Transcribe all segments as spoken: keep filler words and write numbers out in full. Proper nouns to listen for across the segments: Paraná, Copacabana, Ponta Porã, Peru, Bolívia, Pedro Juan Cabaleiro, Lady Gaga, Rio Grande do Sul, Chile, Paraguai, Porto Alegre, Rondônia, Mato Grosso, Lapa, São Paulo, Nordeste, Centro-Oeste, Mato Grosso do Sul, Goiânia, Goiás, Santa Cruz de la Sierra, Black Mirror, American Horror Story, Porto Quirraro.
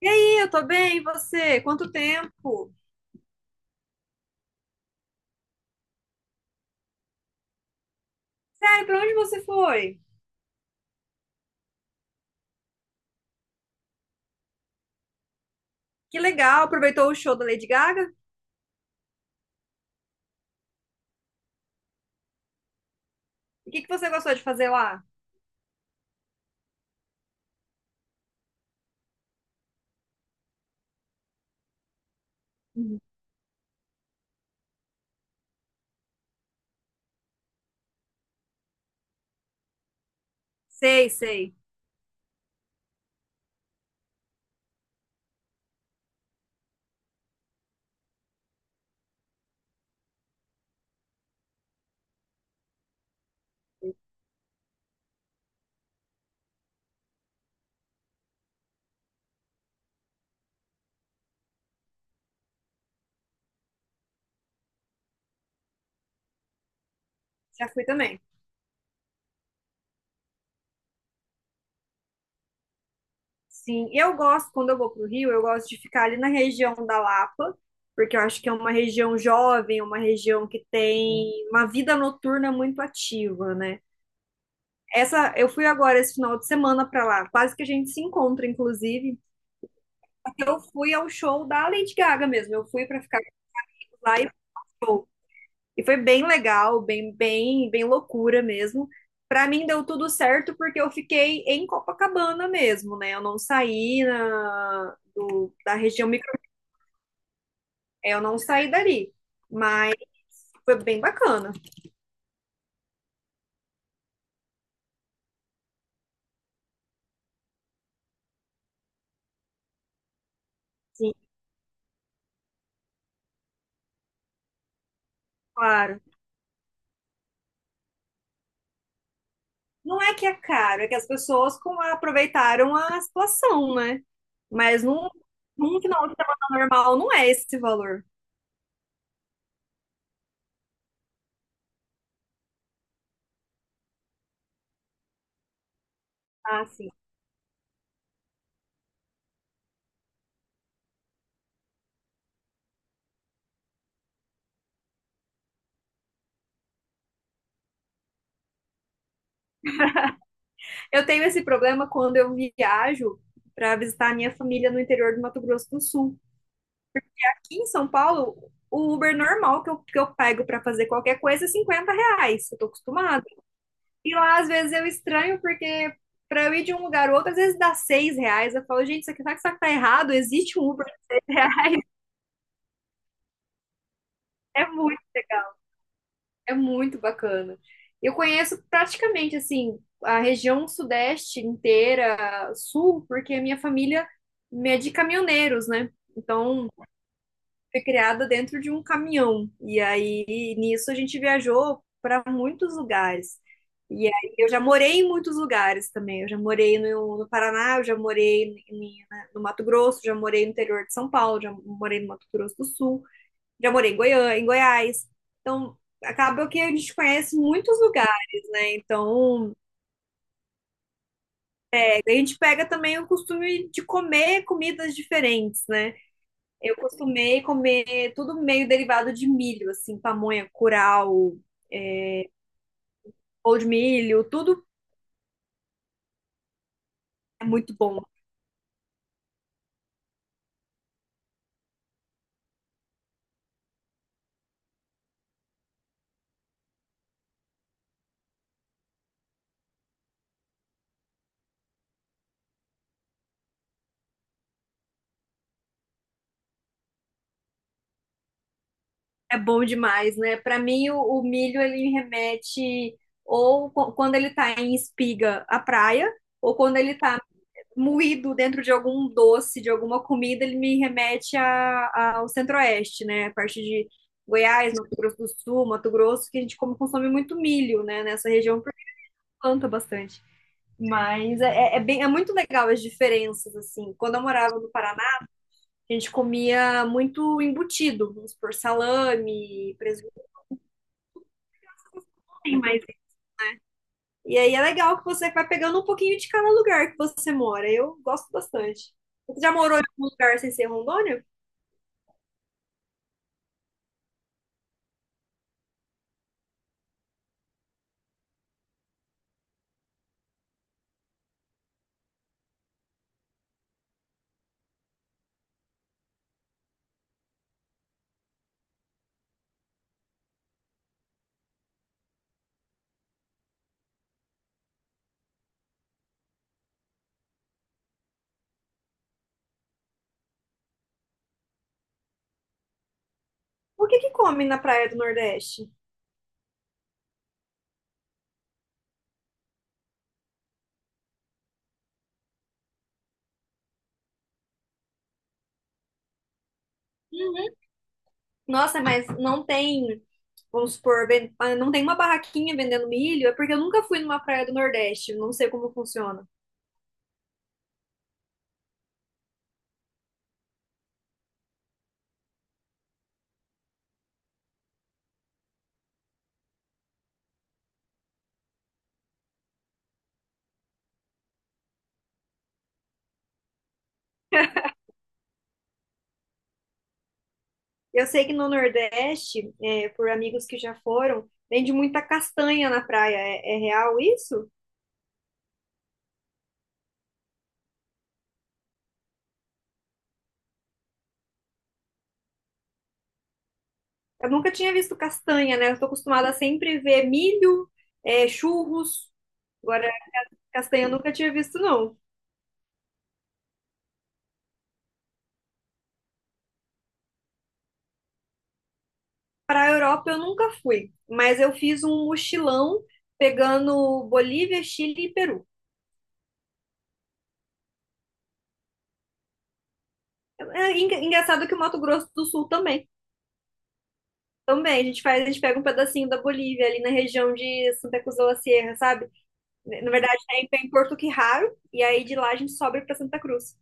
E aí, eu tô bem, e você? Quanto tempo? Sério, pra onde você foi? Que legal, aproveitou o show da Lady Gaga? E o que que você gostou de fazer lá? Uhum. Sei, sei, já fui também. Sim, eu gosto, quando eu vou pro Rio, eu gosto de ficar ali na região da Lapa, porque eu acho que é uma região jovem, uma região que tem uma vida noturna muito ativa, né? Essa, eu fui agora esse final de semana pra lá, quase que a gente se encontra, inclusive. Eu fui ao show da Lady Gaga mesmo, eu fui pra ficar lá e E foi bem legal, bem, bem, bem loucura mesmo. Para mim deu tudo certo porque eu fiquei em Copacabana mesmo, né? Eu não saí na, do- da região micro, é, eu não saí dali, mas foi bem bacana. Sim, claro. Não é que é caro, é que as pessoas com- aproveitaram a situação, né? Mas num, num final de semana normal não é esse valor. Ah, sim. Eu tenho esse problema quando eu viajo para visitar a minha família no interior do Mato Grosso do Sul. Aqui em São Paulo, o Uber normal que eu, que eu pego para fazer qualquer coisa é cinquenta reais. Eu tô acostumada. E lá, às vezes, eu estranho porque para eu ir de um lugar ao outro, às vezes dá seis reais. Eu falo, gente, isso aqui, será que isso aqui tá errado? Existe um Uber de seis reais. É muito, é muito bacana. Eu conheço praticamente, assim, a região sudeste inteira, sul, porque a minha família é de caminhoneiros, né? Então, foi criada dentro de um caminhão. E aí nisso a gente viajou para muitos lugares. E aí eu já morei em muitos lugares também. Eu já morei no, no Paraná, eu já morei em- em- no Mato Grosso, já morei no interior de São Paulo, já morei no Mato Grosso do Sul, já morei em Goiânia, em Goiás. Então acaba que a gente conhece muitos lugares, né? Então é, a gente pega também o costume de comer comidas diferentes, né? Eu costumei comer tudo meio derivado de milho, assim, pamonha, curau, ou de milho, tudo é muito bom. É bom demais, né? Para mim, o, o milho, ele me remete ou qu- quando ele tá em espiga, à praia, ou quando ele tá moído dentro de algum doce, de alguma comida, ele me remete a- a- ao Centro-Oeste, né? A parte de Goiás, Mato Grosso do Sul, Mato Grosso, que a gente come, consome muito milho, né? Nessa região, porque planta bastante. Mas é, é é bem, é muito legal as diferenças, assim. Quando eu morava no Paraná, a gente comia muito embutido, vamos por salame, presunto, tem mais. E aí é legal que você vai pegando um pouquinho de cada lugar que você mora. Eu gosto bastante. Você já morou em algum lugar sem ser Rondônia? O que que come na praia do Nordeste? Uhum. Nossa, mas não tem, vamos supor, ven- ah, não tem uma barraquinha vendendo milho, é porque eu nunca fui numa praia do Nordeste, não sei como funciona. Eu sei que no Nordeste, é, por amigos que já foram, vende muita castanha na praia. É, é real isso? Eu nunca tinha visto castanha, né? Eu estou acostumada a sempre ver milho, é, churros. Agora, castanha eu nunca tinha visto, não. Para a Europa eu nunca fui, mas eu fiz um mochilão pegando Bolívia, Chile e Peru. É é enga- engraçado que o Mato Grosso do Sul também. Também, a gente faz, a gente pega um pedacinho da Bolívia ali na região de Santa Cruz de la Sierra, sabe? Na verdade, é em Porto Quirraro, e aí de lá a gente sobe para Santa Cruz.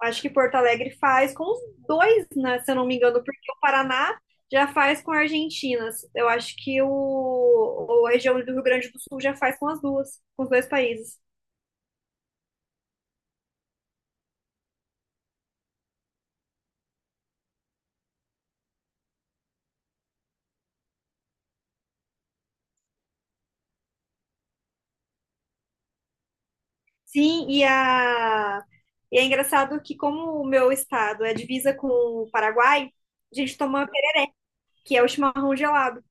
Acho que Porto Alegre faz com os dois, né, se eu não me engano, porque o Paraná já faz com a Argentina. Eu acho que o, a região do Rio Grande do Sul já faz com as duas, com os dois países. Sim, e, a, e é engraçado que como o meu estado é divisa com o Paraguai, a gente toma, que é o chimarrão gelado,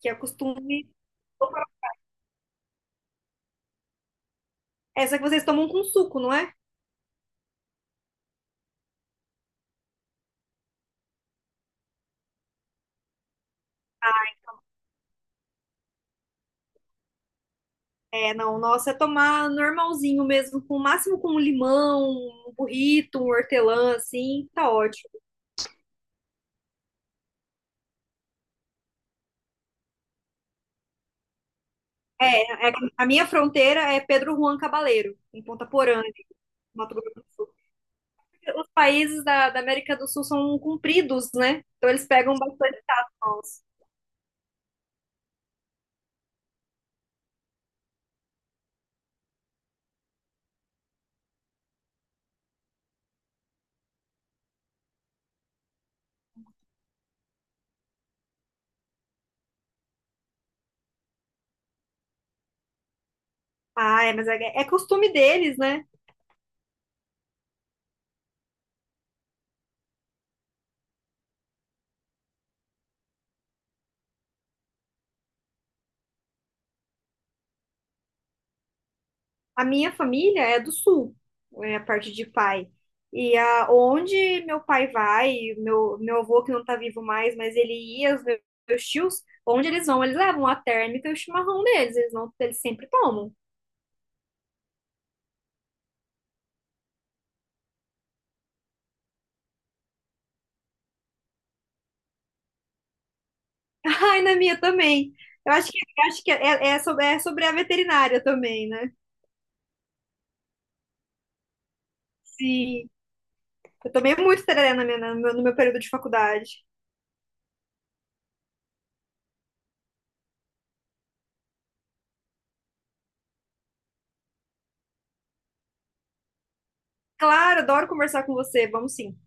que é costume. Essa que vocês tomam com suco, não é? É, não, nossa, é tomar normalzinho mesmo, com o máximo com um limão, um burrito, um hortelã, assim, tá ótimo. É, é- a minha fronteira é Pedro Juan Cabaleiro, em Ponta Porã, em Mato Grosso do Sul. Os países da, da América do Sul são compridos, né? Então eles pegam bastante tato nosso. Ah, é, mas é, é costume deles, né? A minha família é do sul, é a parte de pai. E a, onde meu pai vai, meu, meu avô que não tá vivo mais, mas ele ia, os meus, meus tios, onde eles vão, eles levam a térmica e o chimarrão deles, eles não, eles sempre tomam. Ai, na minha também. Eu acho que, eu acho que é, é, é sobre, é sobre a veterinária também, né? Sim. Eu tomei muito tereré na minha, na- no meu no meu período de faculdade. Claro, adoro conversar com você. Vamos sim.